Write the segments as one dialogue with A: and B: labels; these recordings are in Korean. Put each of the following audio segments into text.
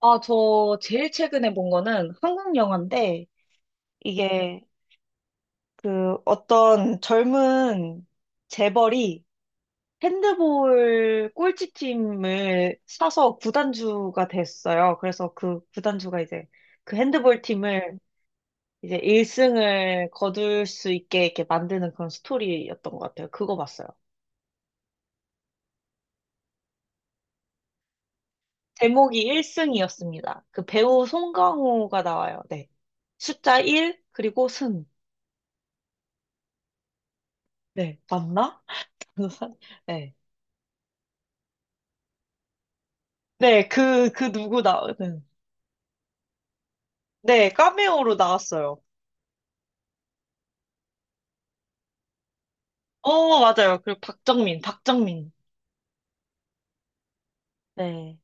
A: 아, 저 제일 최근에 본 거는 한국 영화인데, 이게 그 어떤 젊은 재벌이 핸드볼 꼴찌팀을 사서 구단주가 됐어요. 그래서 그 구단주가 이제 그 핸드볼 팀을 이제 1승을 거둘 수 있게 이렇게 만드는 그런 스토리였던 것 같아요. 그거 봤어요. 제목이 1승이었습니다. 그 배우 송강호가 나와요. 네. 숫자 1, 그리고 승. 네, 맞나? 변호사? 네. 네, 그, 그 누구 나, 네, 네, 카메오로 나왔어요. 어, 맞아요. 그리고 박정민, 박정민. 네.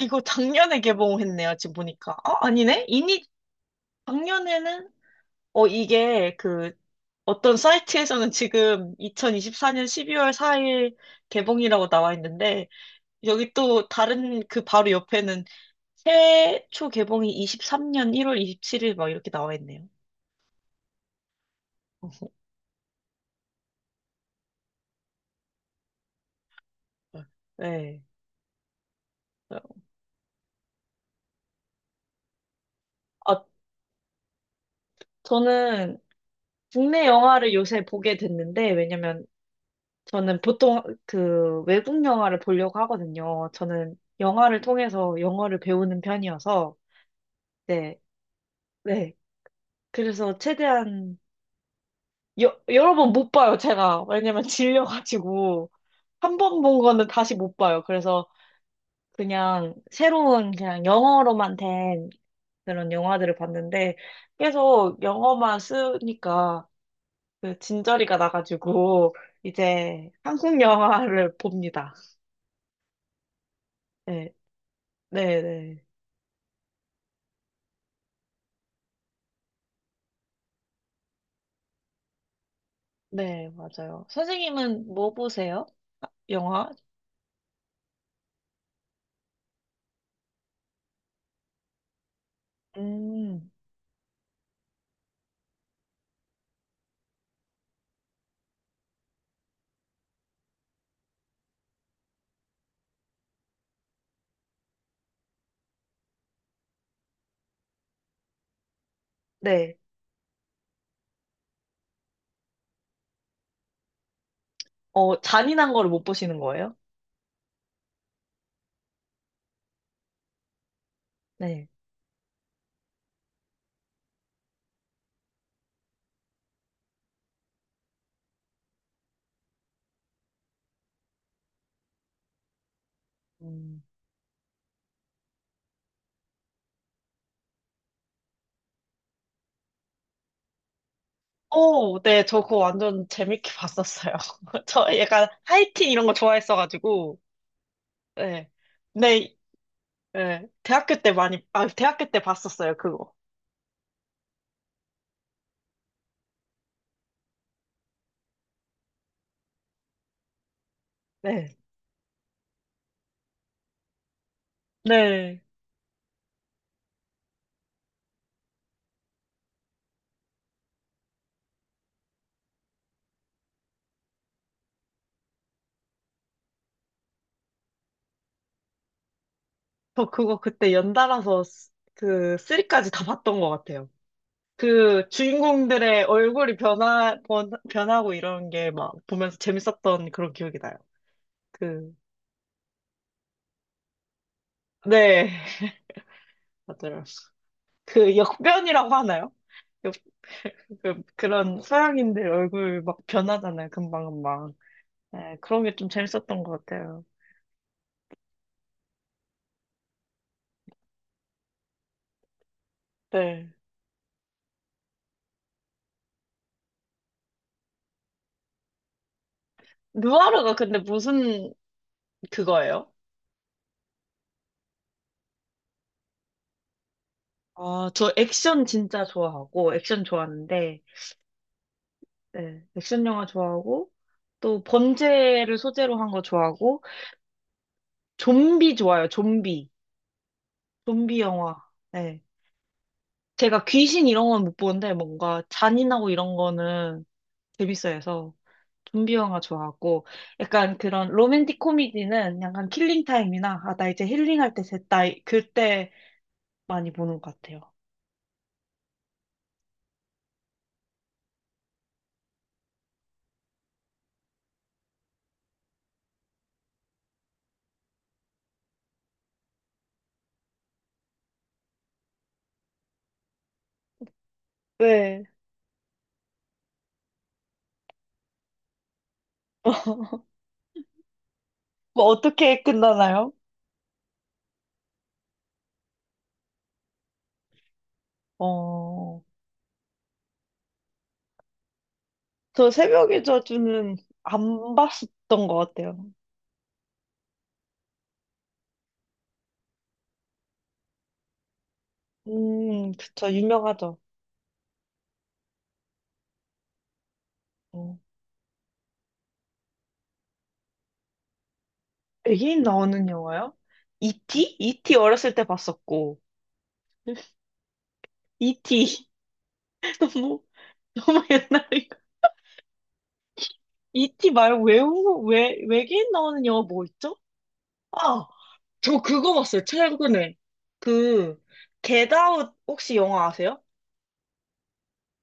A: 이거 작년에 개봉했네요, 지금 보니까. 어, 아니네? 이미 작년에는, 어, 이게 그, 어떤 사이트에서는 지금 2024년 12월 4일 개봉이라고 나와 있는데, 여기 또 다른 그 바로 옆에는 최초 개봉이 23년 1월 27일 막 이렇게 나와 있네요. 어, 네. 아, 저는 국내 영화를 요새 보게 됐는데, 왜냐면 저는 보통 그 외국 영화를 보려고 하거든요. 저는 영화를 통해서 영어를 배우는 편이어서, 네, 네. 그래서 최대한, 여러 번 못 봐요, 제가. 왜냐면 질려가지고. 한 번 본 거는 다시 못 봐요. 그래서 그냥 새로운 그냥 영어로만 된 그런 영화들을 봤는데, 계속 영어만 쓰니까 그 진저리가 나가지고 이제 한국 영화를 봅니다. 네, 네, 네, 네, 맞아요. 선생님은 뭐 보세요? 영화? 음, 네. 어, 잔인한 거를 못 보시는 거예요? 네. 음. 오, 네, 저 그거 완전 재밌게 봤었어요. 저 약간 하이틴 이런 거 좋아했어가지고, 네. 네, 네. 대학교 때 많이, 아, 대학교 때 봤었어요, 그거. 네. 네. 저 그거 그때 연달아서 그 3까지 다 봤던 것 같아요. 그 주인공들의 얼굴이 변하고 이런 게 막 보면서 재밌었던 그런 기억이 나요. 그, 네, 맞아요. 그 역변이라고 하나요? 역, 그, 그런 서양인들 얼굴 막 변하잖아요. 금방금방. 네, 그런 게 좀 재밌었던 것 같아요. 네. 누아르가 근데 무슨 그거예요? 아, 저 액션 진짜 좋아하고, 액션 좋아하는데, 네, 액션 영화 좋아하고, 또 범죄를 소재로 한 거 좋아하고, 좀비 좋아요, 좀비. 좀비 영화. 네. 제가 귀신 이런 건 못 보는데, 뭔가 잔인하고 이런 거는 재밌어 해서 좀비 영화 좋아하고, 약간 그런 로맨틱 코미디는 약간 킬링 타임이나, 아, 나 이제 힐링할 때 됐다. 그때 많이 보는 것 같아요. 네. 뭐 어떻게 끝나나요? 어, 저 새벽의 저주는 안 봤었던 것 같아요. 그쵸. 유명하죠. 어. 외계인 나오는 영화요? E.T.? E.T. 어렸을 때 봤었고. E.T. 너무, 너무 옛날이고. E.T. 말고 외계인 나오는 영화 뭐 있죠? 아, 저 그거 봤어요. 최근에. 그, 겟아웃 혹시 영화 아세요?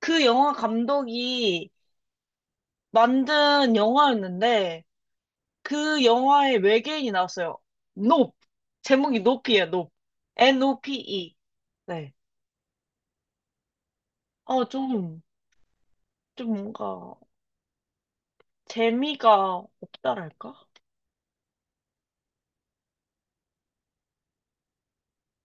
A: 그 영화 감독이 만든 영화였는데, 그 영화에 외계인이 나왔어요. 높. 제목이 높이에요, 높. NOPE. 아, 좀 뭔가 재미가 없다랄까?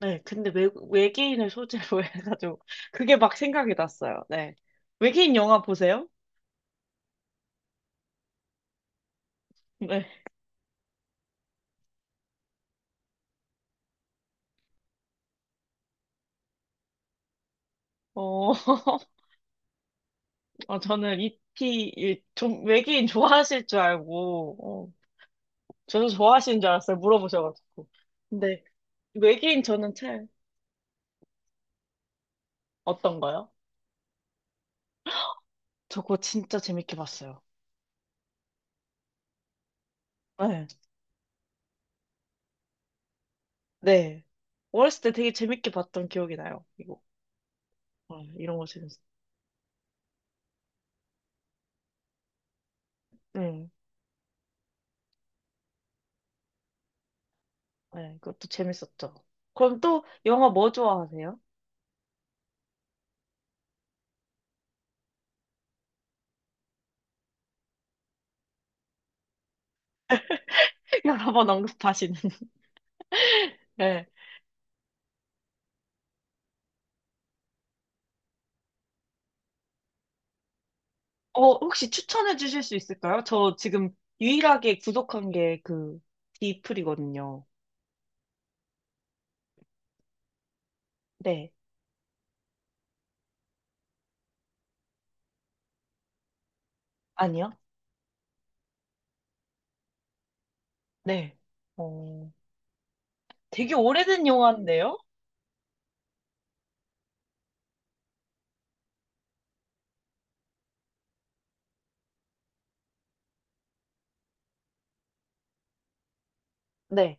A: 네, 근데 외계인을 소재로 해가지고 그게 막 생각이 났어요. 네. 외계인 영화 보세요? 네. 어, 어, 저는 좀 외계인 좋아하실 줄 알고, 어, 저도 좋아하시는 줄 알았어요. 물어보셔가지고. 근데 외계인 저는 참 어떤 거요? 저거 진짜 재밌게 봤어요. 네. 네. 어렸을 때 되게 재밌게 봤던 기억이 나요. 이거. 어, 이런 거 재밌어. 네, 그것도 재밌었죠. 그럼 또 영화 뭐 좋아하세요? 여러 번 언급하시는. 네. 어, 혹시 추천해 주실 수 있을까요? 저 지금 유일하게 구독한 게 그 디플이거든요. 네. 아니요? 네. 어, 되게 오래된 영화인데요? 네.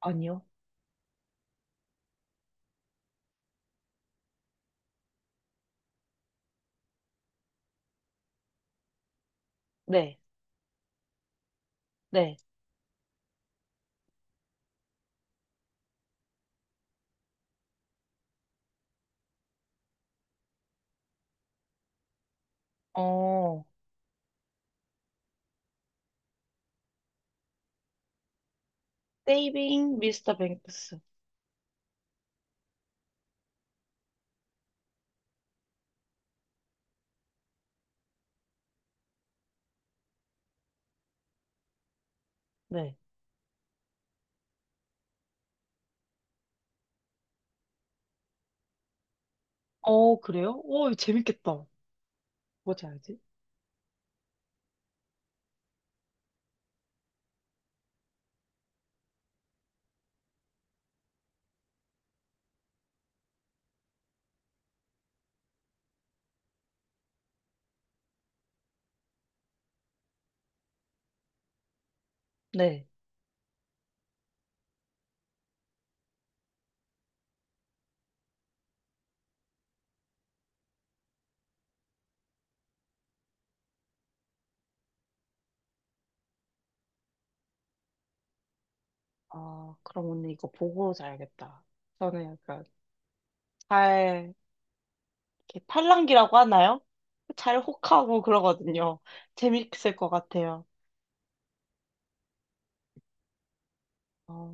A: 아니요? 네. 네. 어, 세이빙 미스터 뱅크스. 네. 어, 그래요? 오, 재밌겠다. 뭐지 알지? 네. 아, 그럼 오늘 이거 보고 자야겠다. 저는 약간 잘, 이렇게 팔랑귀라고 하나요? 잘 혹하고 그러거든요. 재밌을 것 같아요. 어,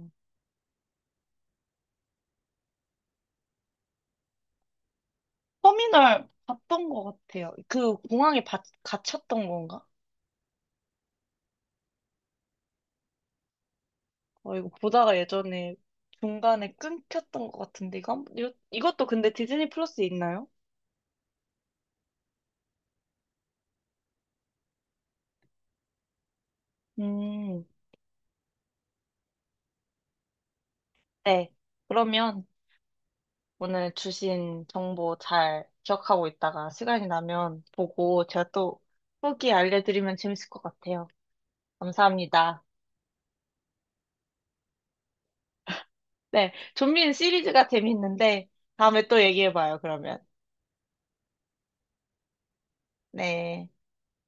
A: 터미널 봤던 것 같아요. 그 공항에 갇혔던 건가? 어, 이거 보다가 예전에 중간에 끊겼던 것 같은데, 이거, 이것도 근데 디즈니 플러스에 있나요? 음, 네. 그러면 오늘 주신 정보 잘 기억하고 있다가 시간이 나면 보고 제가 또 후기 알려드리면 재밌을 것 같아요. 감사합니다. 네. 좀비는 시리즈가 재밌는데, 다음에 또 얘기해봐요, 그러면. 네.